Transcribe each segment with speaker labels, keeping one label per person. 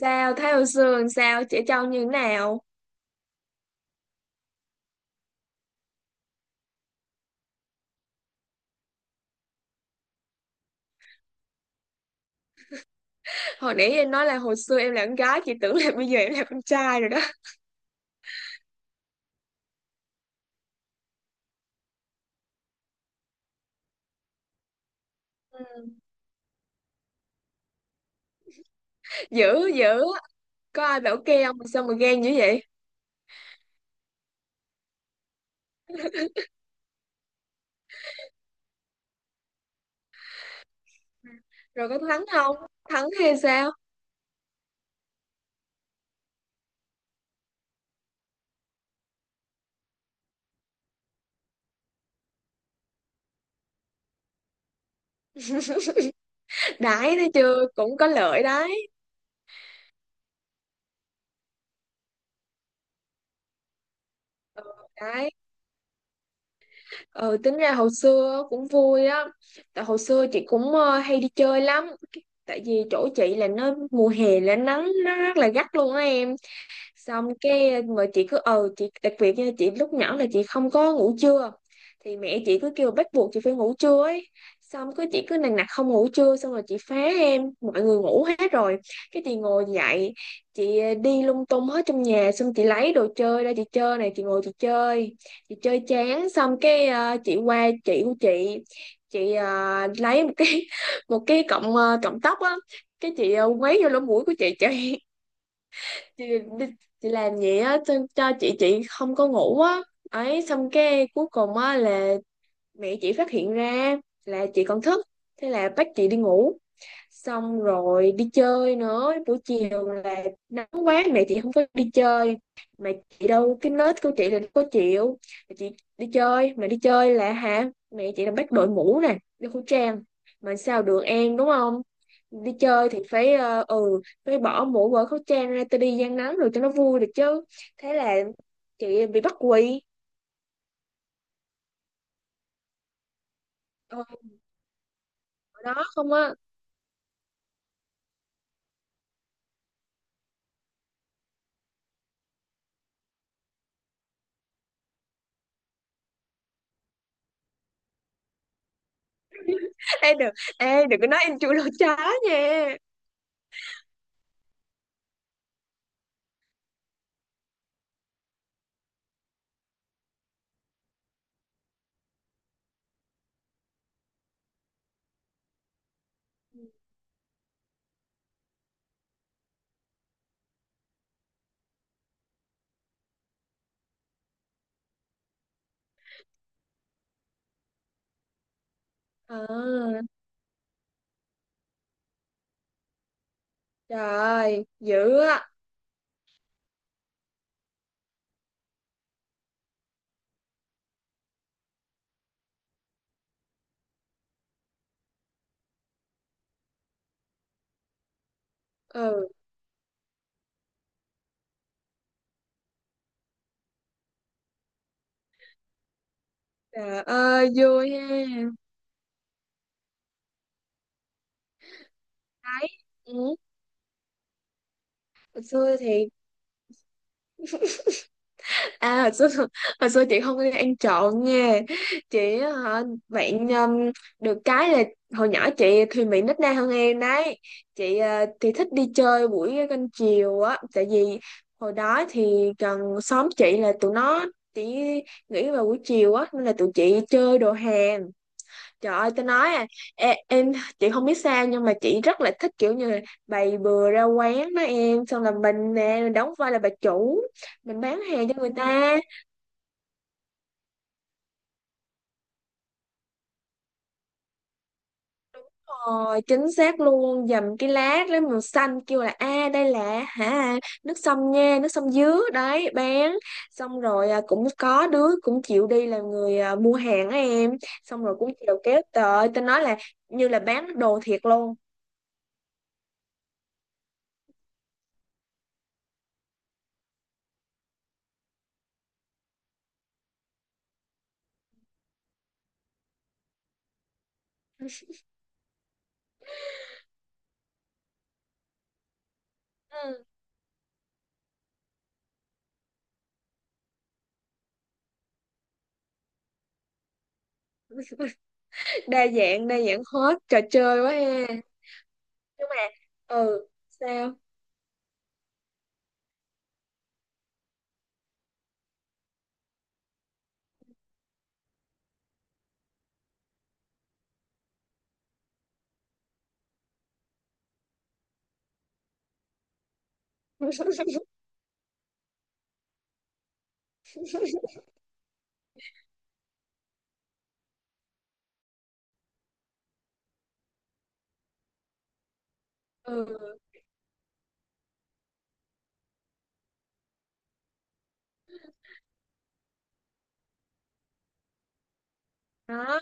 Speaker 1: Sao thấy hồi xưa làm sao trẻ trâu như thế nào? Hồi nãy em nói là hồi xưa em là con gái, chị tưởng là bây giờ em là con trai rồi đó. Ừ. Dữ dữ, có ai bảo kê không mà sao mà ghen dữ vậy? Rồi có thắng không? Thắng hay sao? Đãi thấy chưa, cũng có lợi đấy. Ừ, đấy. Ừ, tính ra hồi xưa cũng vui á. Tại hồi xưa chị cũng hay đi chơi lắm. Tại vì chỗ chị là nó mùa hè là nắng nó rất là gắt luôn á em. Xong cái mà chị cứ chị đặc biệt nha, chị lúc nhỏ là chị không có ngủ trưa, thì mẹ chị cứ kêu bắt buộc chị phải ngủ trưa ấy. Xong cứ chị cứ nằng nặc không ngủ trưa, xong rồi chị phá em, mọi người ngủ hết rồi cái chị ngồi dậy. Chị đi lung tung hết trong nhà, xong chị lấy đồ chơi ra chị chơi này, chị ngồi chị chơi. Chị chơi chán xong cái chị qua chị của chị. Chị lấy một cái một cái cọng cọng tóc á. Cái chị quấy vô lỗ mũi của chị. chị, đi- chị làm vậy á cho, cho chị không có ngủ á. Ấy xong cái cuối cùng á là mẹ chị phát hiện ra là chị còn thức, thế là bắt chị đi ngủ. Xong rồi đi chơi nữa buổi chiều là nắng quá, mẹ chị không phải đi chơi, mà chị đâu, cái nết của chị là có chịu. Mà chị đi chơi, mà đi chơi là hả, mẹ chị là bắt đội mũ nè, đeo khẩu trang, mà sao được em đúng không? Đi chơi thì phải phải bỏ mũ bỏ khẩu trang ra, tôi đi gian nắng rồi cho nó vui được chứ. Thế là chị bị bắt quỳ. Ờ, ở đó không á. Ê đừng, ê đừng có nói em chui lỗ chó nha. Ờ, trời ơi, dữ á. Ừ, trời ơi vui ha. Đấy. Ừ. Hồi xưa thì, à hồi xưa hồi xưa chị không có ăn trộn nha. Chị á, hả, bạn được cái là hồi nhỏ chị thì bị nít na hơn em đấy. Chị thì thích đi chơi buổi canh chiều á, tại vì hồi đó thì gần xóm chị là tụi nó chỉ nghĩ vào buổi chiều á, nên là tụi chị chơi đồ hè. Trời ơi, tôi nói à, em, chị không biết sao nhưng mà chị rất là thích kiểu như là bày bừa ra quán đó em, xong là mình nè, mình đóng vai là bà chủ, mình bán hàng cho người ta. Rồi, chính xác luôn, dầm cái lát lấy màu xanh kêu là, a à, đây là hả, nước sâm nha, nước sâm dứa đấy bán. Xong rồi à, cũng có đứa cũng chịu đi là người à, mua hàng á em, xong rồi cũng chịu kéo tới, tôi nói là như là bán đồ thiệt luôn. Ừ. Đa dạng hết, trò chơi quá ha. Nhưng mà, ừ sao? Ừ, đó.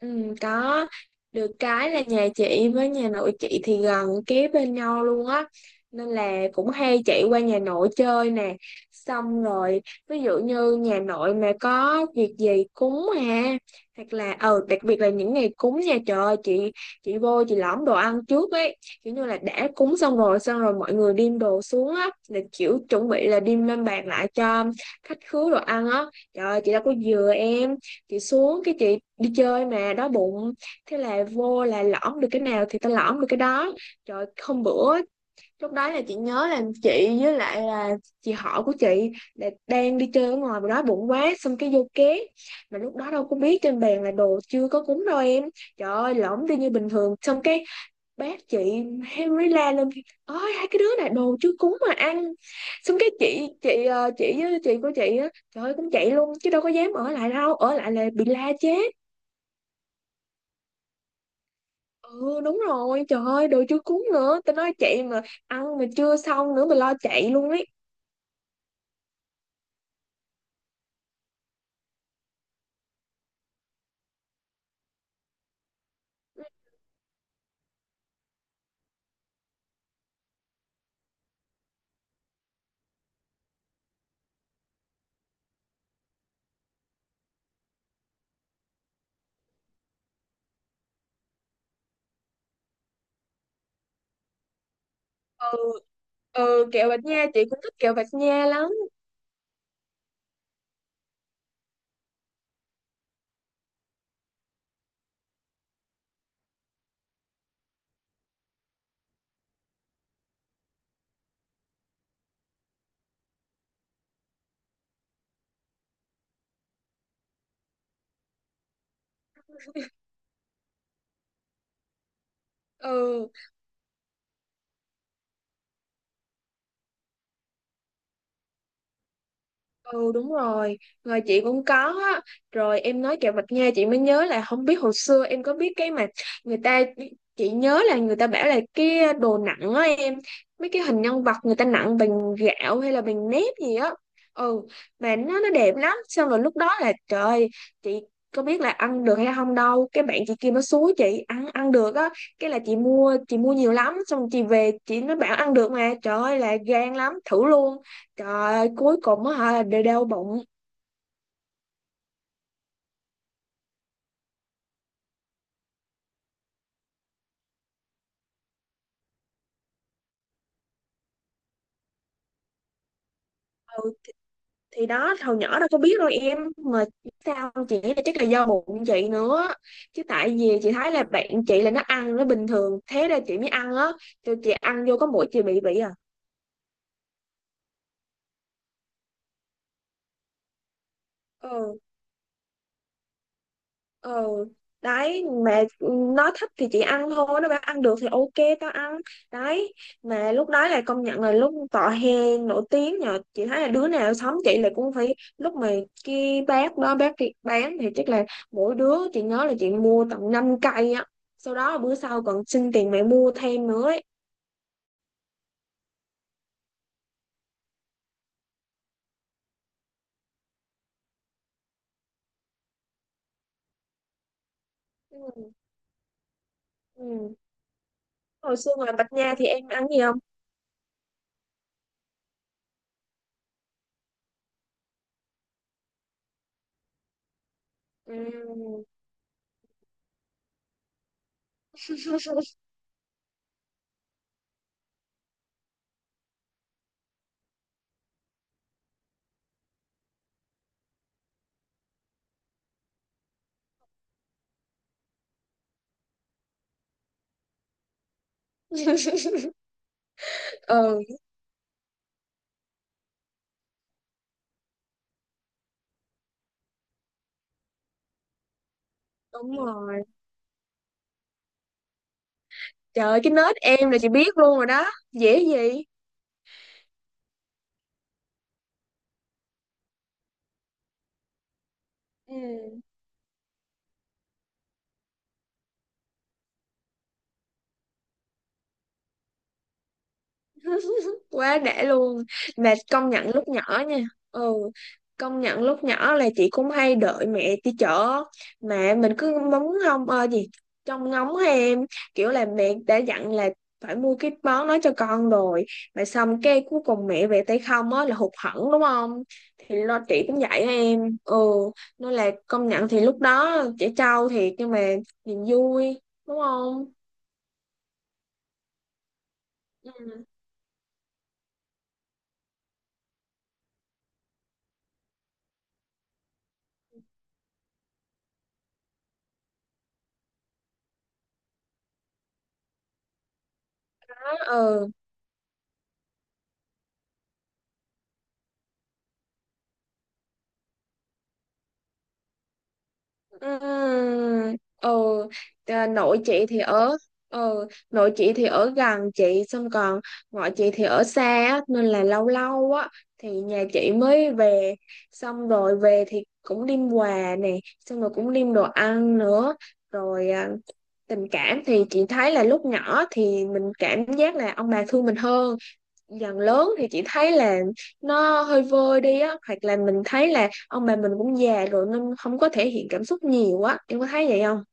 Speaker 1: Ừ, có. Được cái là nhà chị với nhà nội chị thì gần kế bên nhau luôn á, nên là cũng hay chạy qua nhà nội chơi nè. Xong rồi, ví dụ như nhà nội mà có việc gì cúng ha, hoặc là đặc biệt là những ngày cúng nha, trời ơi, chị vô chị lõm đồ ăn trước ấy. Kiểu như là đã cúng xong rồi, xong rồi mọi người đem đồ xuống á, là kiểu chuẩn bị là đem lên bàn lại cho khách khứa đồ ăn á. Trời ơi, chị đâu có dừa em, chị xuống cái chị đi chơi mà đói bụng, thế là vô là lõm được cái nào thì tao lõm được cái đó. Trời, hôm bữa lúc đó là chị nhớ là chị với lại là chị họ của chị là đang đi chơi ở ngoài, mà đói bụng quá xong cái vô ké, mà lúc đó đâu có biết trên bàn là đồ chưa có cúng đâu em. Trời ơi, lõm đi như bình thường, xong cái bác chị, Henry la lên, ôi hai cái đứa này đồ chưa cúng mà ăn. Xong cái chị chị với chị của chị á, trời ơi cũng chạy luôn chứ đâu có dám ở lại, đâu ở lại là bị la chết. Ừ đúng rồi, trời ơi đồ chưa cúng nữa, tao nói chạy mà, ăn mà chưa xong nữa mà lo chạy luôn ấy. Ừ. Ừ, kẹo Bạch Nha, chị cũng thích kẹo Bạch Nha lắm. Ừ Ừ đúng rồi, rồi chị cũng có á. Rồi em nói kẹo mạch nha chị mới nhớ, là không biết hồi xưa em có biết cái mà người ta, chị nhớ là người ta bảo là cái đồ nặng á em, mấy cái hình nhân vật người ta nặng bằng gạo hay là bằng nếp gì á. Ừ, mà nó đẹp lắm, xong rồi lúc đó là trời ơi, chị có biết là ăn được hay không đâu, cái bạn chị kia nó xúi chị ăn, ăn được á, cái là chị mua nhiều lắm, xong chị về chị, nó bảo ăn được mà, trời ơi là gan lắm, thử luôn. Trời ơi, cuối cùng á hả, đều đau bụng. Ừ, thì đó hồi nhỏ đâu có biết đâu em, mà sao chị nghĩ là chắc là do bụng chị nữa, chứ tại vì chị thấy là bạn chị là nó ăn nó bình thường, thế ra chị mới ăn á, cho chị ăn vô có mỗi chị bị à. Ừ, ờ, đấy mà nó thích thì chị ăn thôi, nó bảo ăn được thì ok tao ăn. Đấy, mà lúc đó là công nhận là lúc tọa hè nổi tiếng, nhờ chị thấy là đứa nào sống chị là cũng phải lúc mà cái bác đó bác kia bán thì chắc là mỗi đứa chị nhớ là chị mua tận 5 cây á, sau đó là bữa sau còn xin tiền mẹ mua thêm nữa ấy. Ừ. Ừ. Hồi xưa ngoài Bạch Nha thì em ăn gì không? Ừ. Ừ đúng rồi. Trời ơi, cái nết em là chị biết luôn rồi đó. Dễ gì? Ừ. Quá đã luôn. Mà công nhận lúc nhỏ nha, ừ, công nhận lúc nhỏ là chị cũng hay đợi mẹ đi chợ, mà mình cứ móng không gì, trông ngóng hay em, kiểu là mẹ đã dặn là phải mua cái món đó cho con rồi, mà xong cái cuối cùng mẹ về tay không á là hụt hẫng đúng không? Thì lo chị cũng vậy á em. Ừ, nên là công nhận thì lúc đó trẻ trâu thiệt, nhưng mà niềm vui, đúng không? Ừ. Đó, ừ. Ừ. À, nội chị thì ở, ừ nội chị thì ở gần chị xong còn ngoại chị thì ở xa á, nên là lâu lâu á thì nhà chị mới về, xong rồi về thì cũng đem quà nè, xong rồi cũng đem đồ ăn nữa rồi. À, tình cảm thì chị thấy là lúc nhỏ thì mình cảm giác là ông bà thương mình hơn, dần lớn thì chị thấy là nó hơi vơi đi á, hoặc là mình thấy là ông bà mình cũng già rồi nên không có thể hiện cảm xúc nhiều á, em có thấy vậy không?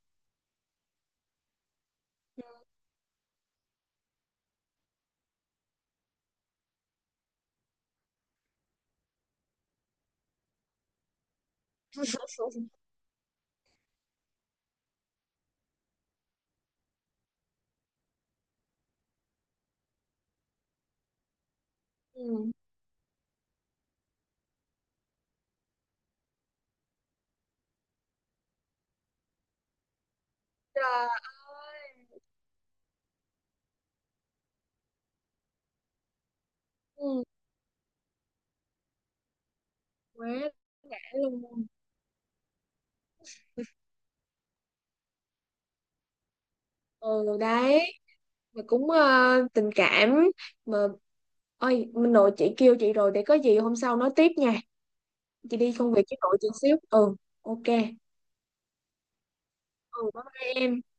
Speaker 1: Ừ. Trời ơi. Ừ. Quá đã luôn. Ừ đấy, mà cũng tình cảm, mà ôi mình nội chị kêu chị rồi, để có gì hôm sau nói tiếp nha. Chị đi công việc với nội chị xíu. Ừ, ok. Ừ bye bye em.